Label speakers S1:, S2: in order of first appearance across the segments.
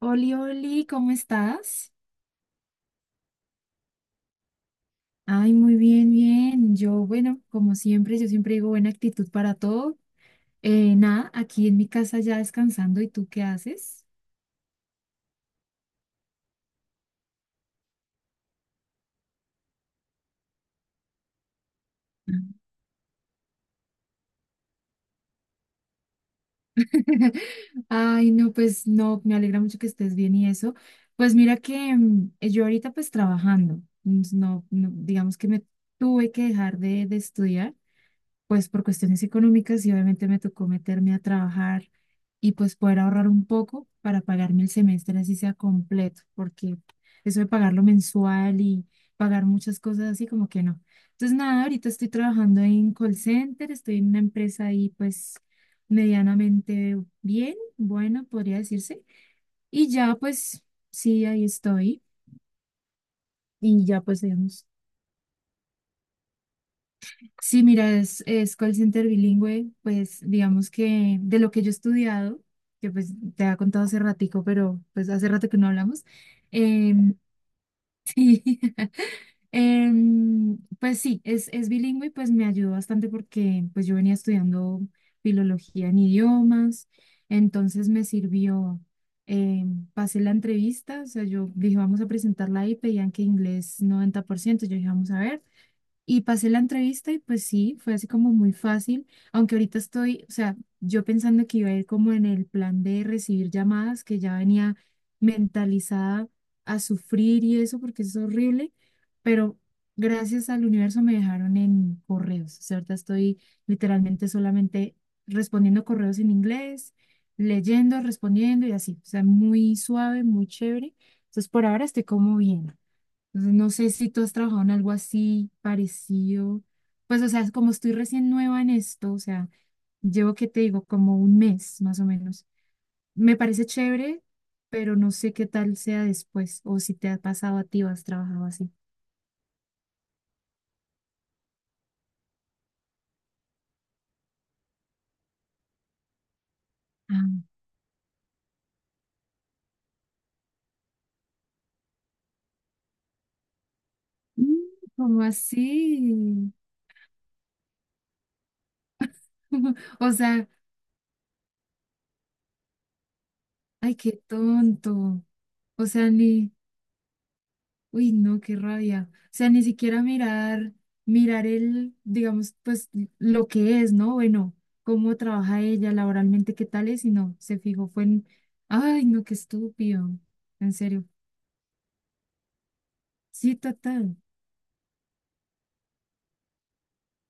S1: Oli, Oli, ¿cómo estás? Ay, muy bien, bien. Yo, bueno, como siempre, yo siempre digo buena actitud para todo. Nada, aquí en mi casa ya descansando. ¿Y tú qué haces? Ay, no, pues no, me alegra mucho que estés bien y eso. Pues mira que yo ahorita pues trabajando, no, no, digamos que me tuve que dejar de estudiar pues por cuestiones económicas y obviamente me tocó meterme a trabajar y pues poder ahorrar un poco para pagarme el semestre así sea completo, porque eso de pagarlo mensual y pagar muchas cosas así como que no. Entonces nada, ahorita estoy trabajando en call center, estoy en una empresa ahí pues medianamente bien, bueno, podría decirse, y ya pues sí, ahí estoy y ya pues digamos. Sí, mira, es call center bilingüe, pues digamos que de lo que yo he estudiado, que pues te había contado hace ratico, pero pues hace rato que no hablamos, em, sí, pues sí, es bilingüe y pues me ayudó bastante porque pues yo venía estudiando filología en idiomas, entonces me sirvió, pasé la entrevista, o sea, yo dije, vamos a presentarla ahí, pedían que inglés 90%, yo dije, vamos a ver. Y pasé la entrevista y pues sí, fue así como muy fácil, aunque ahorita estoy, o sea, yo pensando que iba a ir como en el plan de recibir llamadas, que ya venía mentalizada a sufrir y eso, porque es horrible, pero gracias al universo me dejaron en correos, o sea, ahorita estoy literalmente solamente respondiendo correos en inglés, leyendo, respondiendo y así, o sea, muy suave, muy chévere. Entonces, por ahora estoy como bien. Entonces, no sé si tú has trabajado en algo así parecido. Pues, o sea, como estoy recién nueva en esto, o sea, llevo, ¿que te digo? Como un mes más o menos. Me parece chévere, pero no sé qué tal sea después o si te ha pasado a ti o has trabajado así. Ah, mm, ¿cómo así? O sea, ay, qué tonto. O sea, ni, uy, no, qué rabia. O sea, ni siquiera mirar el, digamos, pues lo que es, ¿no? Bueno, cómo trabaja ella laboralmente, qué tal es, y no, se fijó, fue en, ay, no, qué estúpido. En serio. Sí, total.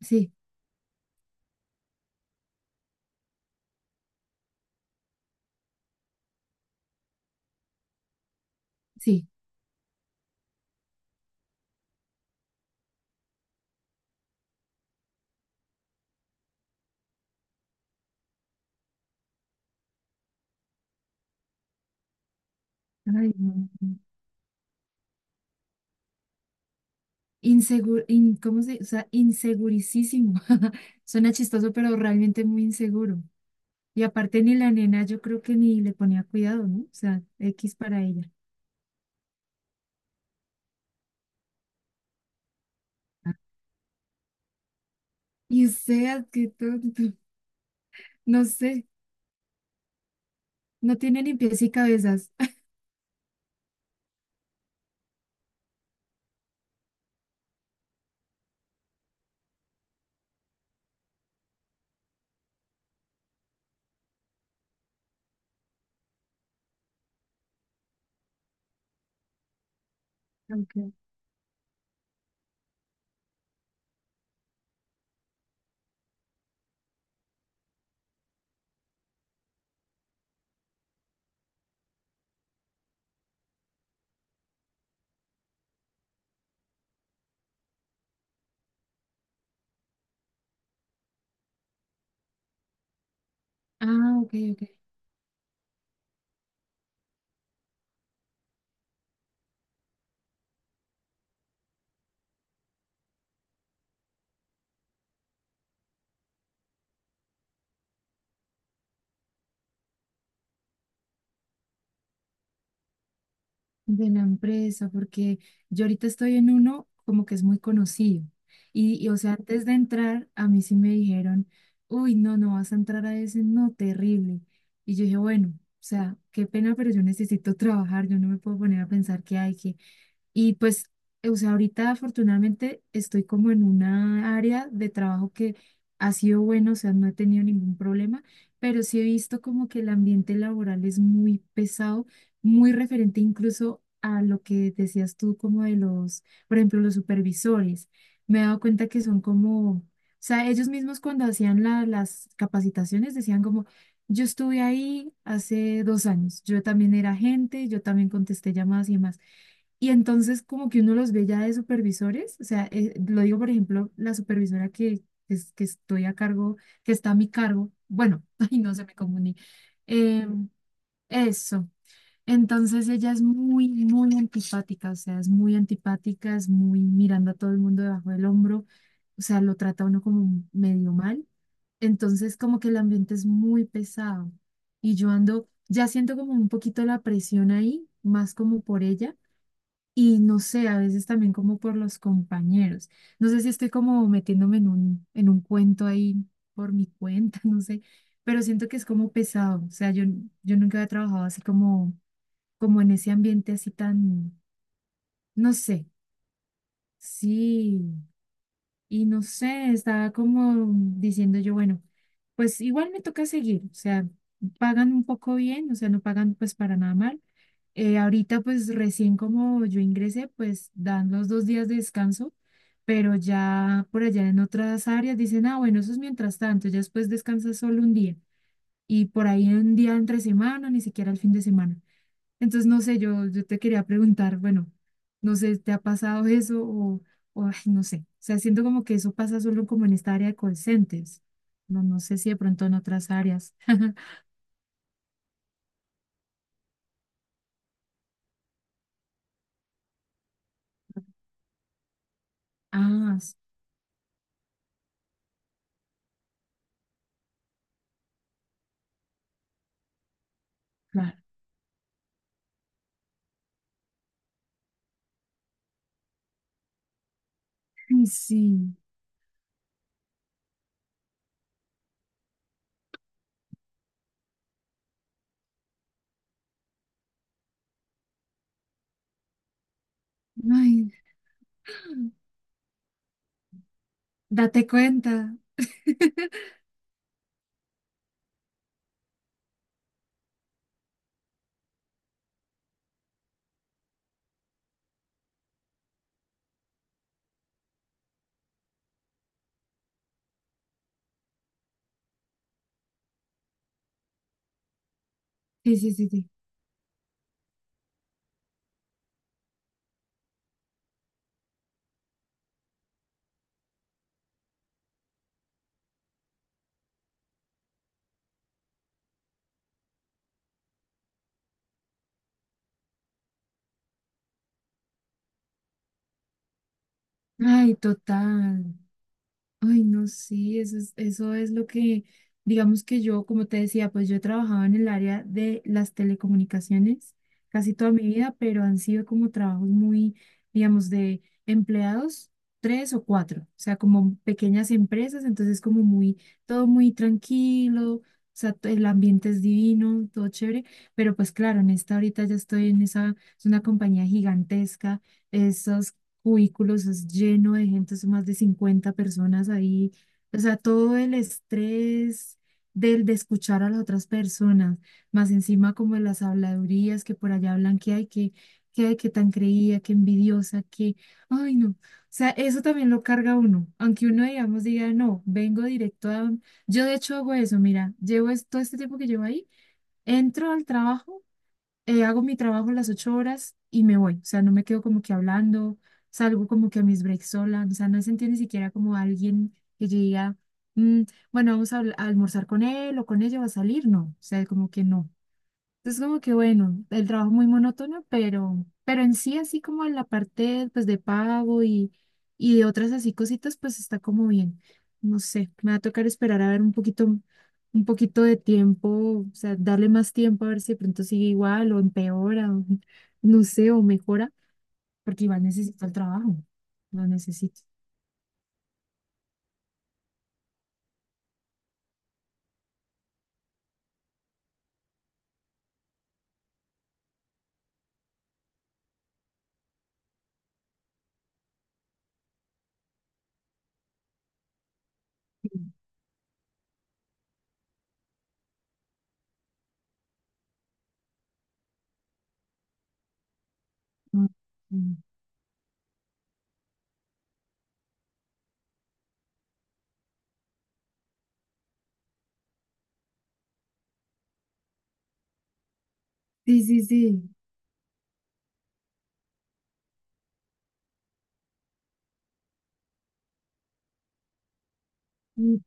S1: Sí, sí. Ay, no. Inseguro, ¿cómo se? O sea, insegurísimo. Suena chistoso, pero realmente muy inseguro. Y aparte ni la nena, yo creo que ni le ponía cuidado, ¿no? O sea, X para ella. Y usted, qué tonto. No sé, no tiene ni pies y cabezas. Okay. Ah, ok, ok. De la empresa, porque yo ahorita estoy en uno como que es muy conocido. Y, o sea, antes de entrar, a mí sí me dijeron, uy, no, no vas a entrar a ese, no, terrible. Y yo dije, bueno, o sea, qué pena, pero yo necesito trabajar, yo no me puedo poner a pensar que hay que, y pues, o sea, ahorita afortunadamente estoy como en una área de trabajo que ha sido bueno, o sea, no he tenido ningún problema, pero sí he visto como que el ambiente laboral es muy pesado, muy referente incluso a lo que decías tú como de los, por ejemplo, los supervisores. Me he dado cuenta que son como, o sea, ellos mismos cuando hacían las capacitaciones decían como, yo estuve ahí hace 2 años, yo también era agente, yo también contesté llamadas y demás y entonces como que uno los ve ya de supervisores, o sea, lo digo por ejemplo, la supervisora que, que estoy a cargo, que está a mi cargo, bueno, ay, no se me comuní. Eh, eso, entonces ella es muy, muy antipática, o sea, es muy antipática, es muy mirando a todo el mundo debajo del hombro, o sea, lo trata a uno como medio mal, entonces como que el ambiente es muy pesado y yo ando, ya siento como un poquito la presión ahí, más como por ella y no sé, a veces también como por los compañeros. No sé si estoy como metiéndome en un, cuento ahí por mi cuenta, no sé, pero siento que es como pesado. O sea, yo nunca había trabajado así como en ese ambiente así tan, no sé, sí. Y no sé, estaba como diciendo yo, bueno, pues igual me toca seguir, o sea, pagan un poco bien, o sea, no pagan pues para nada mal. Ahorita pues recién como yo ingresé, pues dan los 2 días de descanso, pero ya por allá en otras áreas dicen, ah, bueno, eso es mientras tanto, ya después descansas solo un día. Y por ahí un día entre semana, ni siquiera el fin de semana. Entonces, no sé, yo te quería preguntar, bueno, no sé, ¿te ha pasado eso o, ay, no sé? O sea, siento como que eso pasa solo como en esta área de call centers. No, no sé si de pronto en otras áreas. Ah, claro. Ay, sí. Ay, date cuenta. Sí, sí, sí, sí. Ay, total. Ay, no, sí, eso es lo que, digamos que yo, como te decía, pues yo he trabajado en el área de las telecomunicaciones casi toda mi vida, pero han sido como trabajos muy, digamos, de empleados, tres o cuatro, o sea, como pequeñas empresas, entonces como muy, todo muy tranquilo, o sea, el ambiente es divino, todo chévere, pero pues claro, en esta ahorita ya estoy en esa, es una compañía gigantesca, esos cubículos, es lleno de gente, son más de 50 personas ahí. O sea, todo el estrés del de escuchar a las otras personas, más encima como de las habladurías que por allá hablan que hay, que hay, que tan creía, que envidiosa, que, ay no. O sea, eso también lo carga uno, aunque uno, digamos, diga, no, vengo directo a... Yo de hecho hago eso, mira, llevo todo este tiempo que llevo ahí, entro al trabajo hago mi trabajo las 8 horas y me voy, o sea, no me quedo como que hablando, salgo como que a mis breaks sola, o sea, no sentí ni siquiera como alguien que yo diga, "Mm, bueno, vamos a almorzar con él o con ella o a salir, no, o sea, como que no, es como que bueno, el trabajo muy monótono, pero en sí así como en la parte pues de pago y de otras así cositas, pues está como bien. No sé, me va a tocar esperar a ver un poquito de tiempo, o sea, darle más tiempo a ver si de pronto sigue igual o empeora, no sé, o mejora, porque igual necesito el trabajo, lo necesito. Sí, mm, mm. Sí, sí, sí. Mm,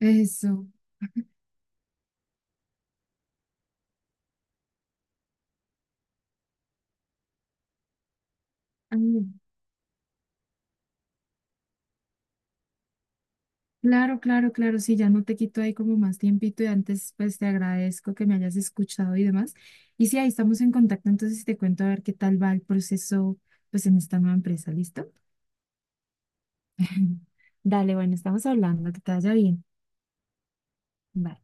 S1: eso. Ah, claro, claro, claro, sí, ya no te quito ahí como más tiempito y antes pues te agradezco que me hayas escuchado y demás. Y sí, ahí estamos en contacto, entonces si te cuento a ver qué tal va el proceso pues en esta nueva empresa, ¿listo? Dale, bueno, estamos hablando, que te vaya bien. Bye.